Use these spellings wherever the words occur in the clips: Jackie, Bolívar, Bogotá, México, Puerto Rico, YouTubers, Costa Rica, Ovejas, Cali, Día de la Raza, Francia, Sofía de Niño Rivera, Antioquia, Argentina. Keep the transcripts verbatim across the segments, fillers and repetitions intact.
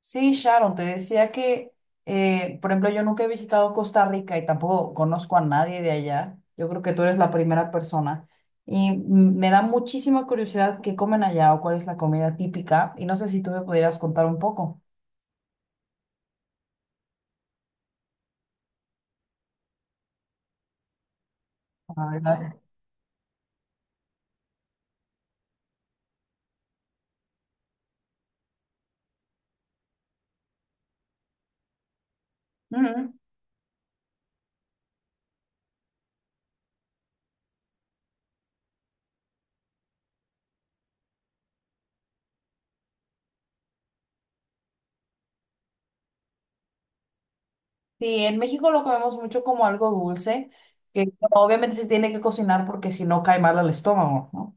Sí, Sharon, te decía que, eh, por ejemplo, yo nunca he visitado Costa Rica y tampoco conozco a nadie de allá. Yo creo que tú eres la primera persona. Y mm, me da muchísima curiosidad qué comen allá o cuál es la comida típica. Y no sé si tú me pudieras contar un poco. La verdad. Ujú. Sí, en México lo comemos mucho como algo dulce, que bueno, obviamente se tiene que cocinar porque si no cae mal al estómago, ¿no?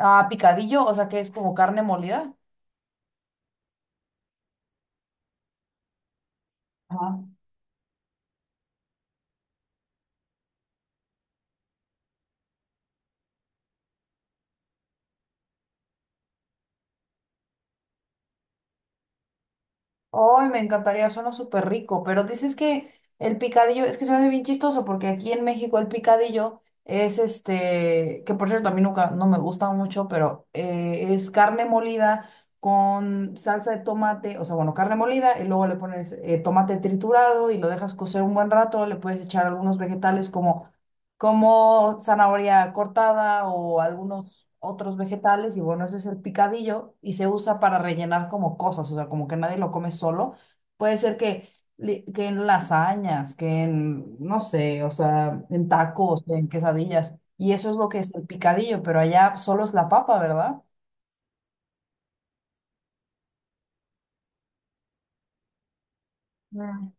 Ah, picadillo, o sea que es como carne molida. Ay, me encantaría, suena súper rico, pero dices que el picadillo, es que se me hace bien chistoso porque aquí en México el picadillo es este, que por cierto a mí nunca, no me gusta mucho, pero eh, es carne molida con salsa de tomate, o sea, bueno, carne molida y luego le pones eh, tomate triturado y lo dejas cocer un buen rato, le puedes echar algunos vegetales como como zanahoria cortada o algunos otros vegetales y bueno, ese es el picadillo y se usa para rellenar como cosas, o sea, como que nadie lo come solo. Puede ser que, li- que en lasañas, que en, no sé, o sea, en tacos, en quesadillas. Y eso es lo que es el picadillo, pero allá solo es la papa, ¿verdad? Mm,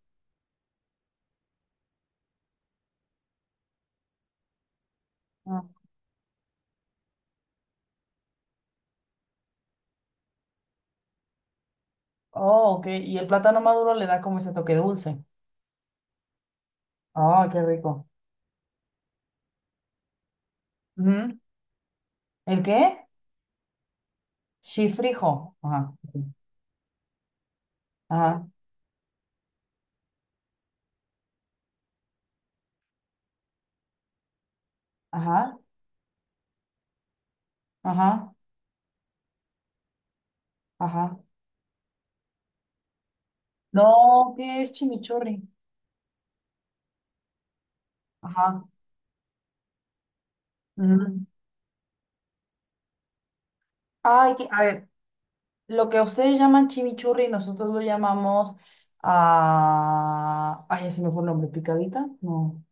mm. Oh, ok. Y el plátano maduro le da como ese toque dulce. Oh, qué rico. Ujú. ¿El qué? Chifrijo. Ajá. Ok. Ajá. Ajá. Ajá, ajá. No, ¿qué es chimichurri? Ajá. Ujú. Ay, que- a ver, lo que ustedes llaman chimichurri, nosotros lo llamamos a Ay, ya se me fue el nombre, picadita, no.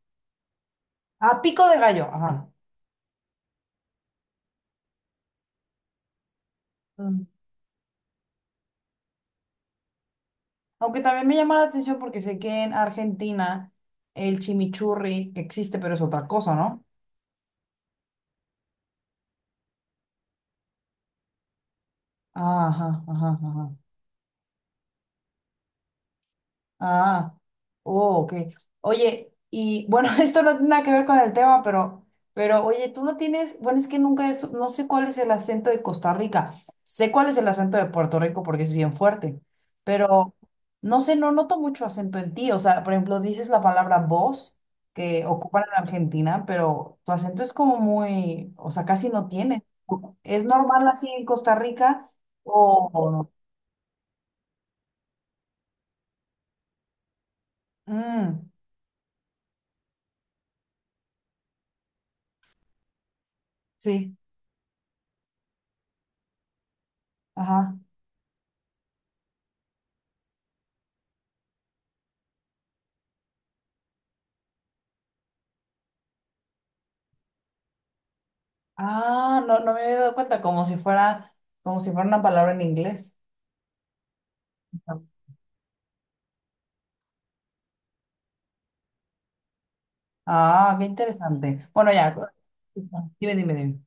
Ah, pico de gallo, ajá. Mm. Aunque también me llama la atención porque sé que en Argentina el chimichurri existe, pero es otra cosa, ¿no? Ah, ajá, ajá, ajá. Ah, oh, ok. Oye, y bueno, esto no tiene nada que ver con el tema, pero, pero oye, tú no tienes, bueno, es que nunca es, no sé cuál es el acento de Costa Rica. Sé cuál es el acento de Puerto Rico porque es bien fuerte, pero no sé, no noto mucho acento en ti. O sea, por ejemplo, dices la palabra vos que ocupan en Argentina, pero tu acento es como muy, o sea, casi no tiene. ¿Es normal así en Costa Rica o o no? Mm, sí, ajá. Ah, no, no me había dado cuenta, como si fuera, como si fuera una palabra en inglés. Ah, qué interesante. Bueno, ya, cu- dime, dime, dime.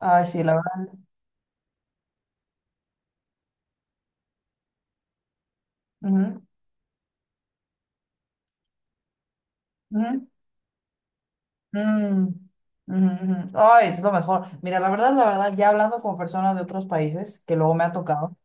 Ay, sí, la verdad. Ujú, ujú, mm, ujú, ujú. Ay, es lo mejor. Mira, la verdad, la verdad, ya hablando con personas de otros países, que luego me ha tocado.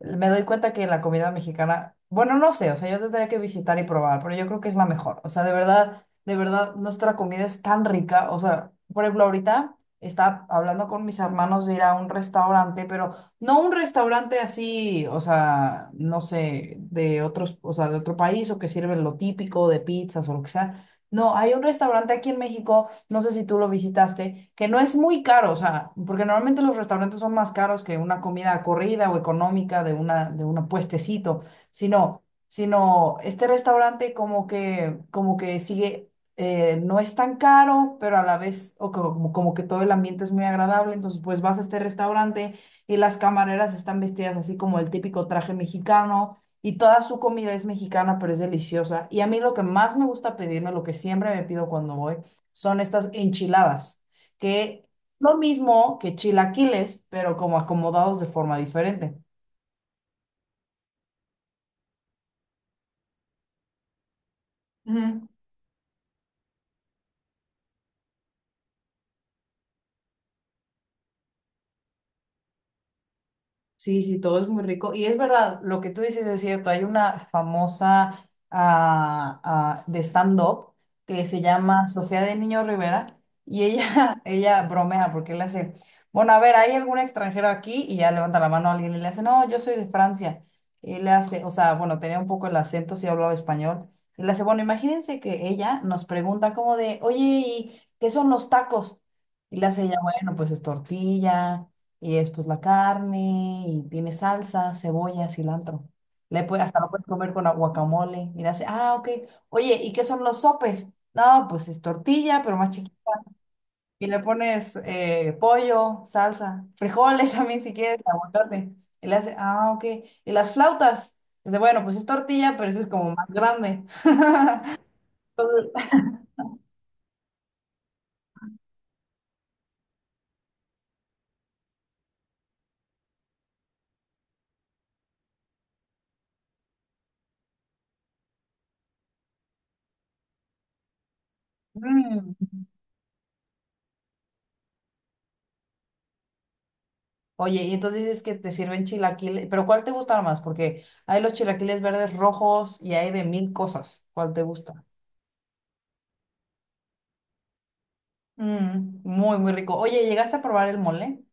Me doy cuenta que la comida mexicana, bueno, no sé, o sea, yo tendría que visitar y probar, pero yo creo que es la mejor. O sea, de verdad, de verdad, nuestra comida es tan rica. O sea, por ejemplo, ahorita estaba hablando con mis hermanos de ir a un restaurante, pero no un restaurante así, o sea, no sé, de otros, o sea, de otro país o que sirven lo típico de pizzas o lo que sea. No, hay un restaurante aquí en México no sé si tú lo visitaste, que no es muy caro, o sea, porque normalmente los restaurantes son más caros que una comida corrida o económica de una, de un puestecito, sino, sino este restaurante como que, como que sigue, eh, no es tan caro, pero a la vez, o como, como que todo el ambiente es muy agradable, entonces pues vas a este restaurante y las camareras están vestidas así como el típico traje mexicano y toda su comida es mexicana, pero es deliciosa. Y a mí lo que más me gusta pedirme, lo que siempre me pido cuando voy, son estas enchiladas, que lo mismo que chilaquiles, pero como acomodados de forma diferente. Ujú. Sí, sí, todo es muy rico. Y es verdad, lo que tú dices es cierto. Hay una famosa ah, ah, de stand-up que se llama Sofía de Niño Rivera y ella, ella bromea porque le hace, bueno, a ver, ¿hay algún extranjero aquí? Y ya levanta la mano a alguien y le hace, no, yo soy de Francia. Y le hace, o sea, bueno, tenía un poco el acento, sí hablaba español. Y le hace, bueno, imagínense que ella nos pregunta como de, oye, ¿y qué son los tacos? Y le hace ella, bueno, pues es tortilla y es pues la carne y tiene salsa, cebolla, cilantro. Le puede, hasta lo puedes comer con aguacamole. Y le hace, ah, ok. Oye, ¿y qué son los sopes? No, pues es tortilla, pero más chiquita. Y le pones eh, pollo, salsa, frijoles también si quieres, aguacate. Y le hace, ah, ok. ¿Y las flautas? Dice, bueno, pues es tortilla, pero ese es como más grande. Mm. Oye, y entonces dices que te sirven chilaquiles, pero ¿cuál te gusta más? Porque hay los chilaquiles verdes rojos y hay de mil cosas. ¿Cuál te gusta? Mm, muy, muy rico. Oye, ¿llegaste a probar el mole?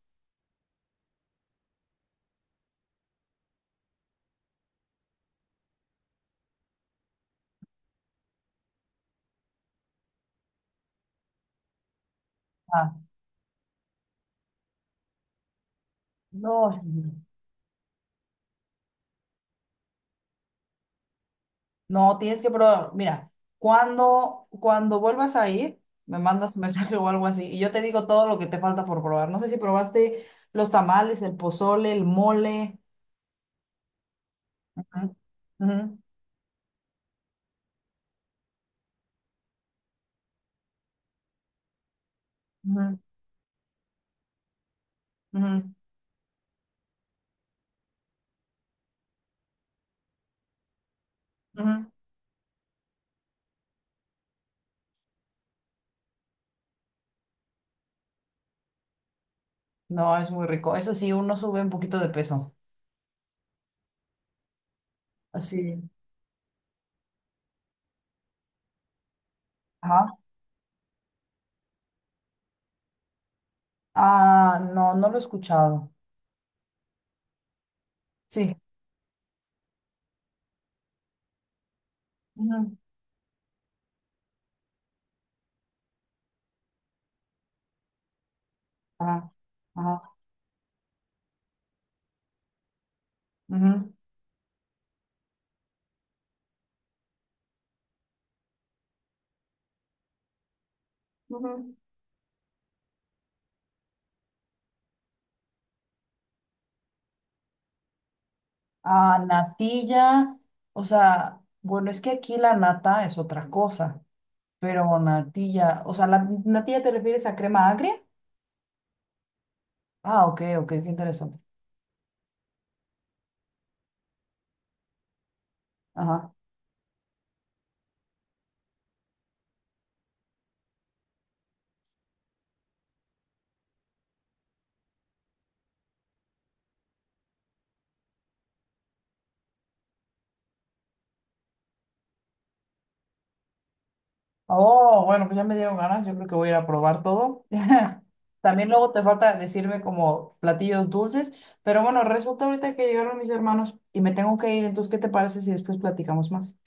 Ah, no, sí, sí. No, tienes que probar. Mira, cuando, cuando vuelvas a ir, me mandas un mensaje o algo así y yo te digo todo lo que te falta por probar. No sé si probaste los tamales, el pozole, el mole. Ujú, ujú, ujú, ujú, ujú. No, es muy rico. Eso sí, uno sube un poquito de peso. Así ajá. Ah, no, no lo he escuchado. Sí. Ujú. Ajá. Ajá. Ujú, ujú. Ah, natilla, o sea, bueno, es que aquí la nata es otra cosa, pero natilla, o sea, ¿la natilla te refieres a crema agria? Ah, ok, ok, qué interesante. Ajá. Oh, bueno, pues ya me dieron ganas, yo creo que voy a ir a probar todo. También luego te falta decirme como platillos dulces, pero bueno, resulta ahorita que llegaron mis hermanos y me tengo que ir, entonces, ¿qué te parece si después platicamos más?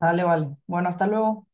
Dale, vale. Bueno, hasta luego.